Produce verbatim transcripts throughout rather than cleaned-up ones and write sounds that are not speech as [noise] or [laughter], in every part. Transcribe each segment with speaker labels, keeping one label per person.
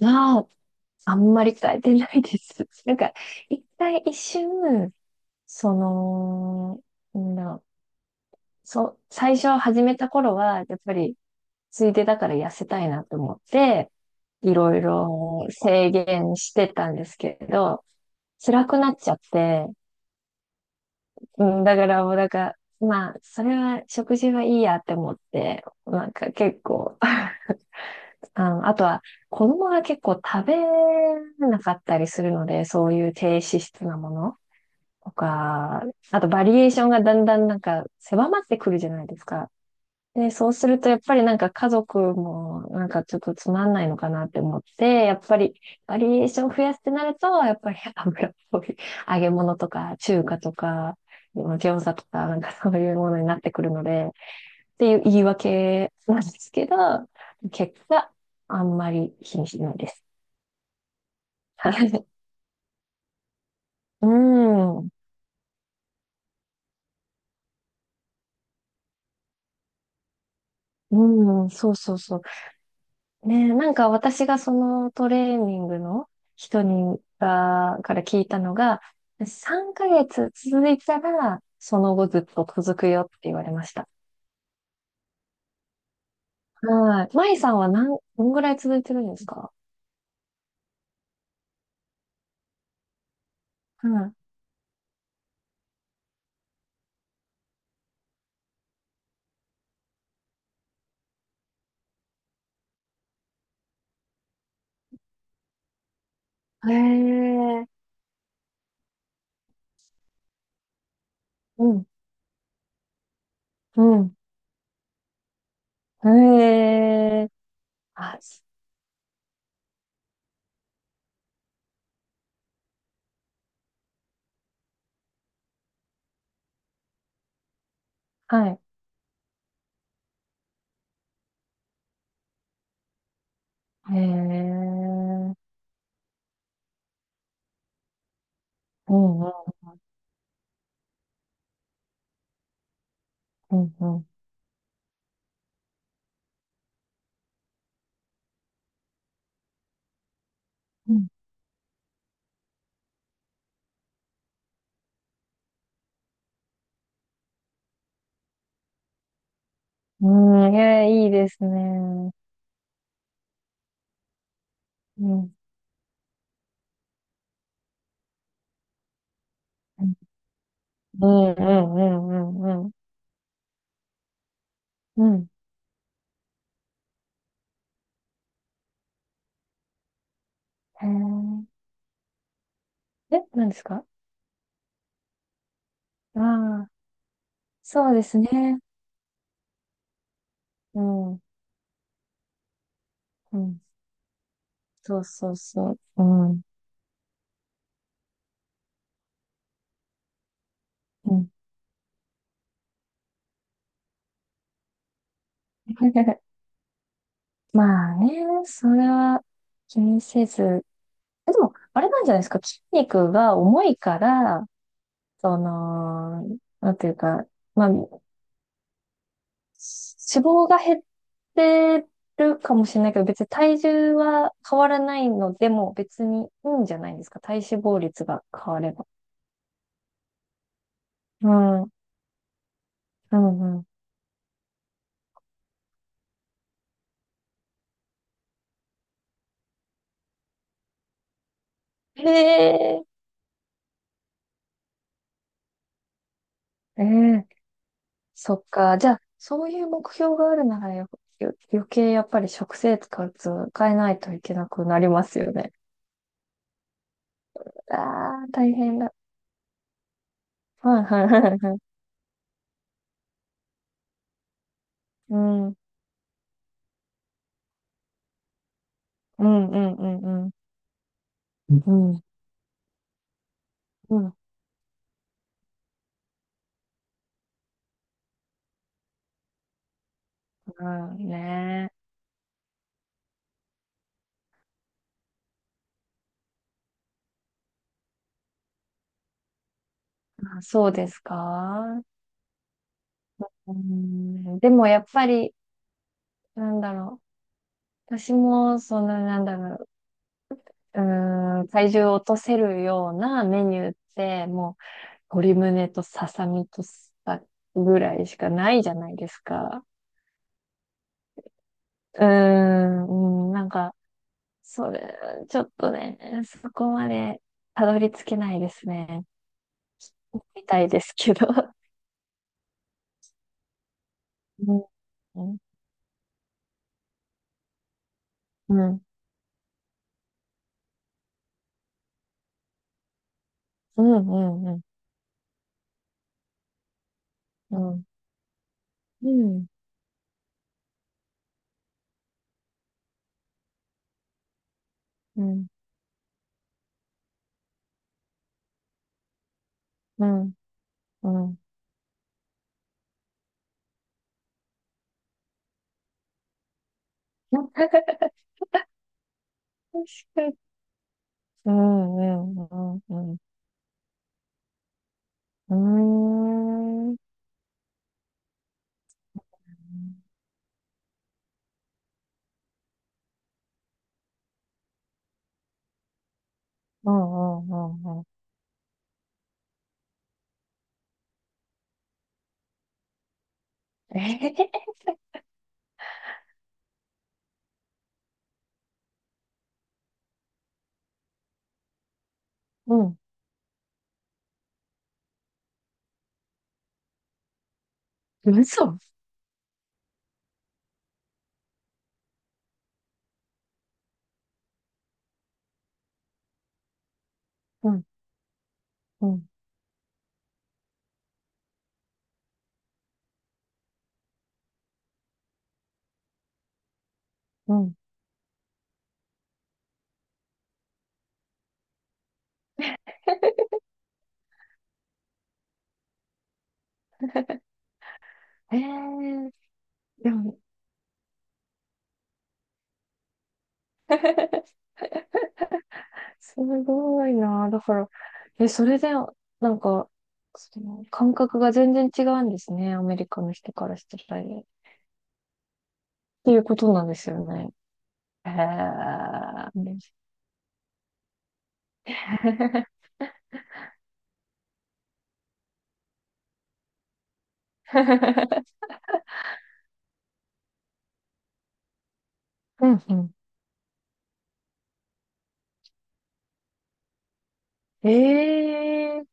Speaker 1: まあ、あんまり変えてないです。[laughs] なんか、一回一瞬、その、なんだろう、そう、最初始めた頃は、やっぱり、ついでだから痩せたいなと思って、いろいろ制限してたんですけど、辛くなっちゃって、うん、だからもうなんか、まあ、それは食事はいいやって思って、なんか結構 [laughs] あの、あとは、子供が結構食べなかったりするので、そういう低脂質なものとか、あとバリエーションがだんだんなんか狭まってくるじゃないですか。で、そうするとやっぱりなんか家族もなんかちょっとつまんないのかなって思って、やっぱりバリエーション増やすってなると、やっぱり油っぽい揚げ物とか中華とか、餃子とかなんかそういうものになってくるので、っていう言い訳なんですけど、結果、あんまり気にしないです。[laughs] はい。うん。うん、そうそうそう。ね、なんか私がそのトレーニングの人にが、から聞いたのが、さんかげつ続いたら、その後ずっと続くよって言われました。はい。舞さんは何、どんぐらい続いてるんですか？うん。へえ。うん、うん。へえ。あ、はい。へえ。うんうん、うん、うん。うん、うん、いや、いいですね。うん、うん、うん、うん、うん、うん。うん。へえ。え、何ですか？ああ、そうですね。うん、うん。そうそうそう。うん、うん。[laughs] まあね、それは気にせず。え、でも、あれなんじゃないですか。筋肉が重いから、その、なんていうか、まあ、脂肪が減ってるかもしれないけど、別に体重は変わらないのでも別にいいんじゃないですか。体脂肪率が変われば。うん。うんうん。へえ。ええ。そっか。じゃあ、そういう目標があるならよ、よ、余計やっぱり食生活を変えないといけなくなりますよね。ああ、大変だ。はいはいはいはい。うん。うんうんうんうん。うん。うん。うんねえ。あ、そうですか？うん、でもやっぱり、なんだろう。私も、その、なんだろう。うーん、体重を落とせるようなメニューって、もう、鶏胸とささみとさ、ぐらいしかないじゃないですか。うーん、うん、なんか、それ、ちょっとね、そこまでたどり着けないですね。みたいですけど。うん、うん、うん、うん、うん、うん、うん、うん、うん。うん [laughs] 確か。うんうんうんうん。うーん。うんうんうんうん。ええ。うん。嘘。うんうんうん。ええ。でも、すごいな。だから、え、それで、なんか、その感覚が全然違うんですね。アメリカの人からしたら。っていうことなんですよね。へえ。うん [laughs] うん。ええ。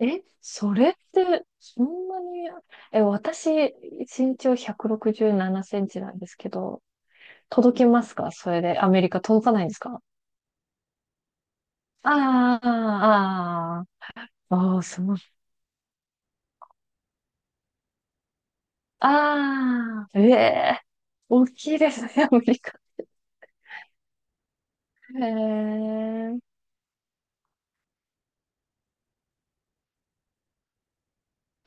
Speaker 1: え、それって、そんなに、え、私、身長ひゃくろくじゅうななセンチなんですけど、届きますかそれで、アメリカ届かないんですか？ああ、ああ、ああ、すごい。ああ、ええ。大きいですね、アメリカ。へえ、うん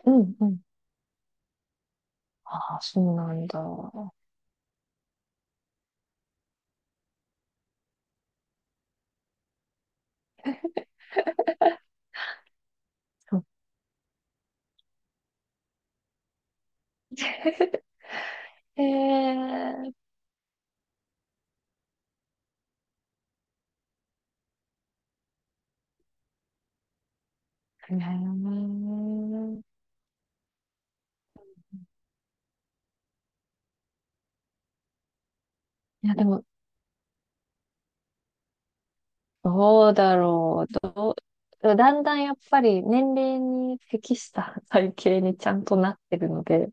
Speaker 1: うん。ああ、そうなんだ。[laughs] そう [laughs] へえ、へえ。いや、でも、どうだろう。どう、だんだんやっぱり年齢に適した体型にちゃんとなってるので、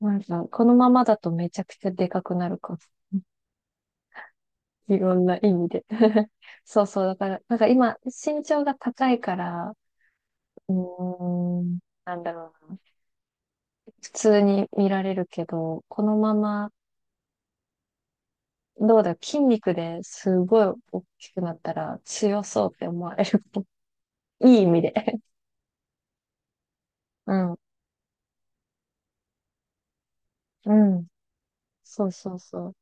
Speaker 1: なんかこのままだとめちゃくちゃでかくなるかも。[laughs] いろんな意味で。[laughs] そうそう。だから、なんか今、身長が高いから、うーん、なんだろうな。普通に見られるけど、このまま、どうだろう、筋肉ですごい大きくなったら強そうって思われる。[laughs] いい意味で。[laughs] うん。うん。そうそうそう。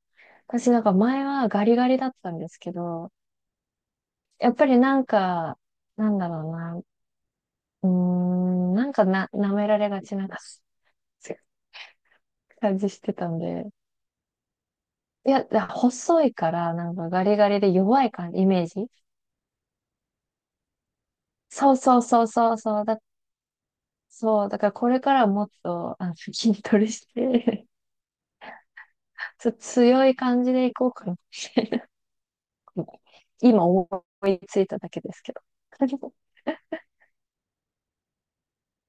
Speaker 1: 私なんか前はガリガリだったんですけど、やっぱりなんか、なんだろうな、うーん、なんかな、舐められがちな感じ [laughs] してたんで。いや、だ細いから、なんかガリガリで弱い感じ、イメージ。そうそうそうそうそう、だ、そう、だからこれからもっと、あの、[laughs] 筋トレして、[laughs] ちょっと強い感じでいこうかなって、[laughs] 今思いついただけですけど。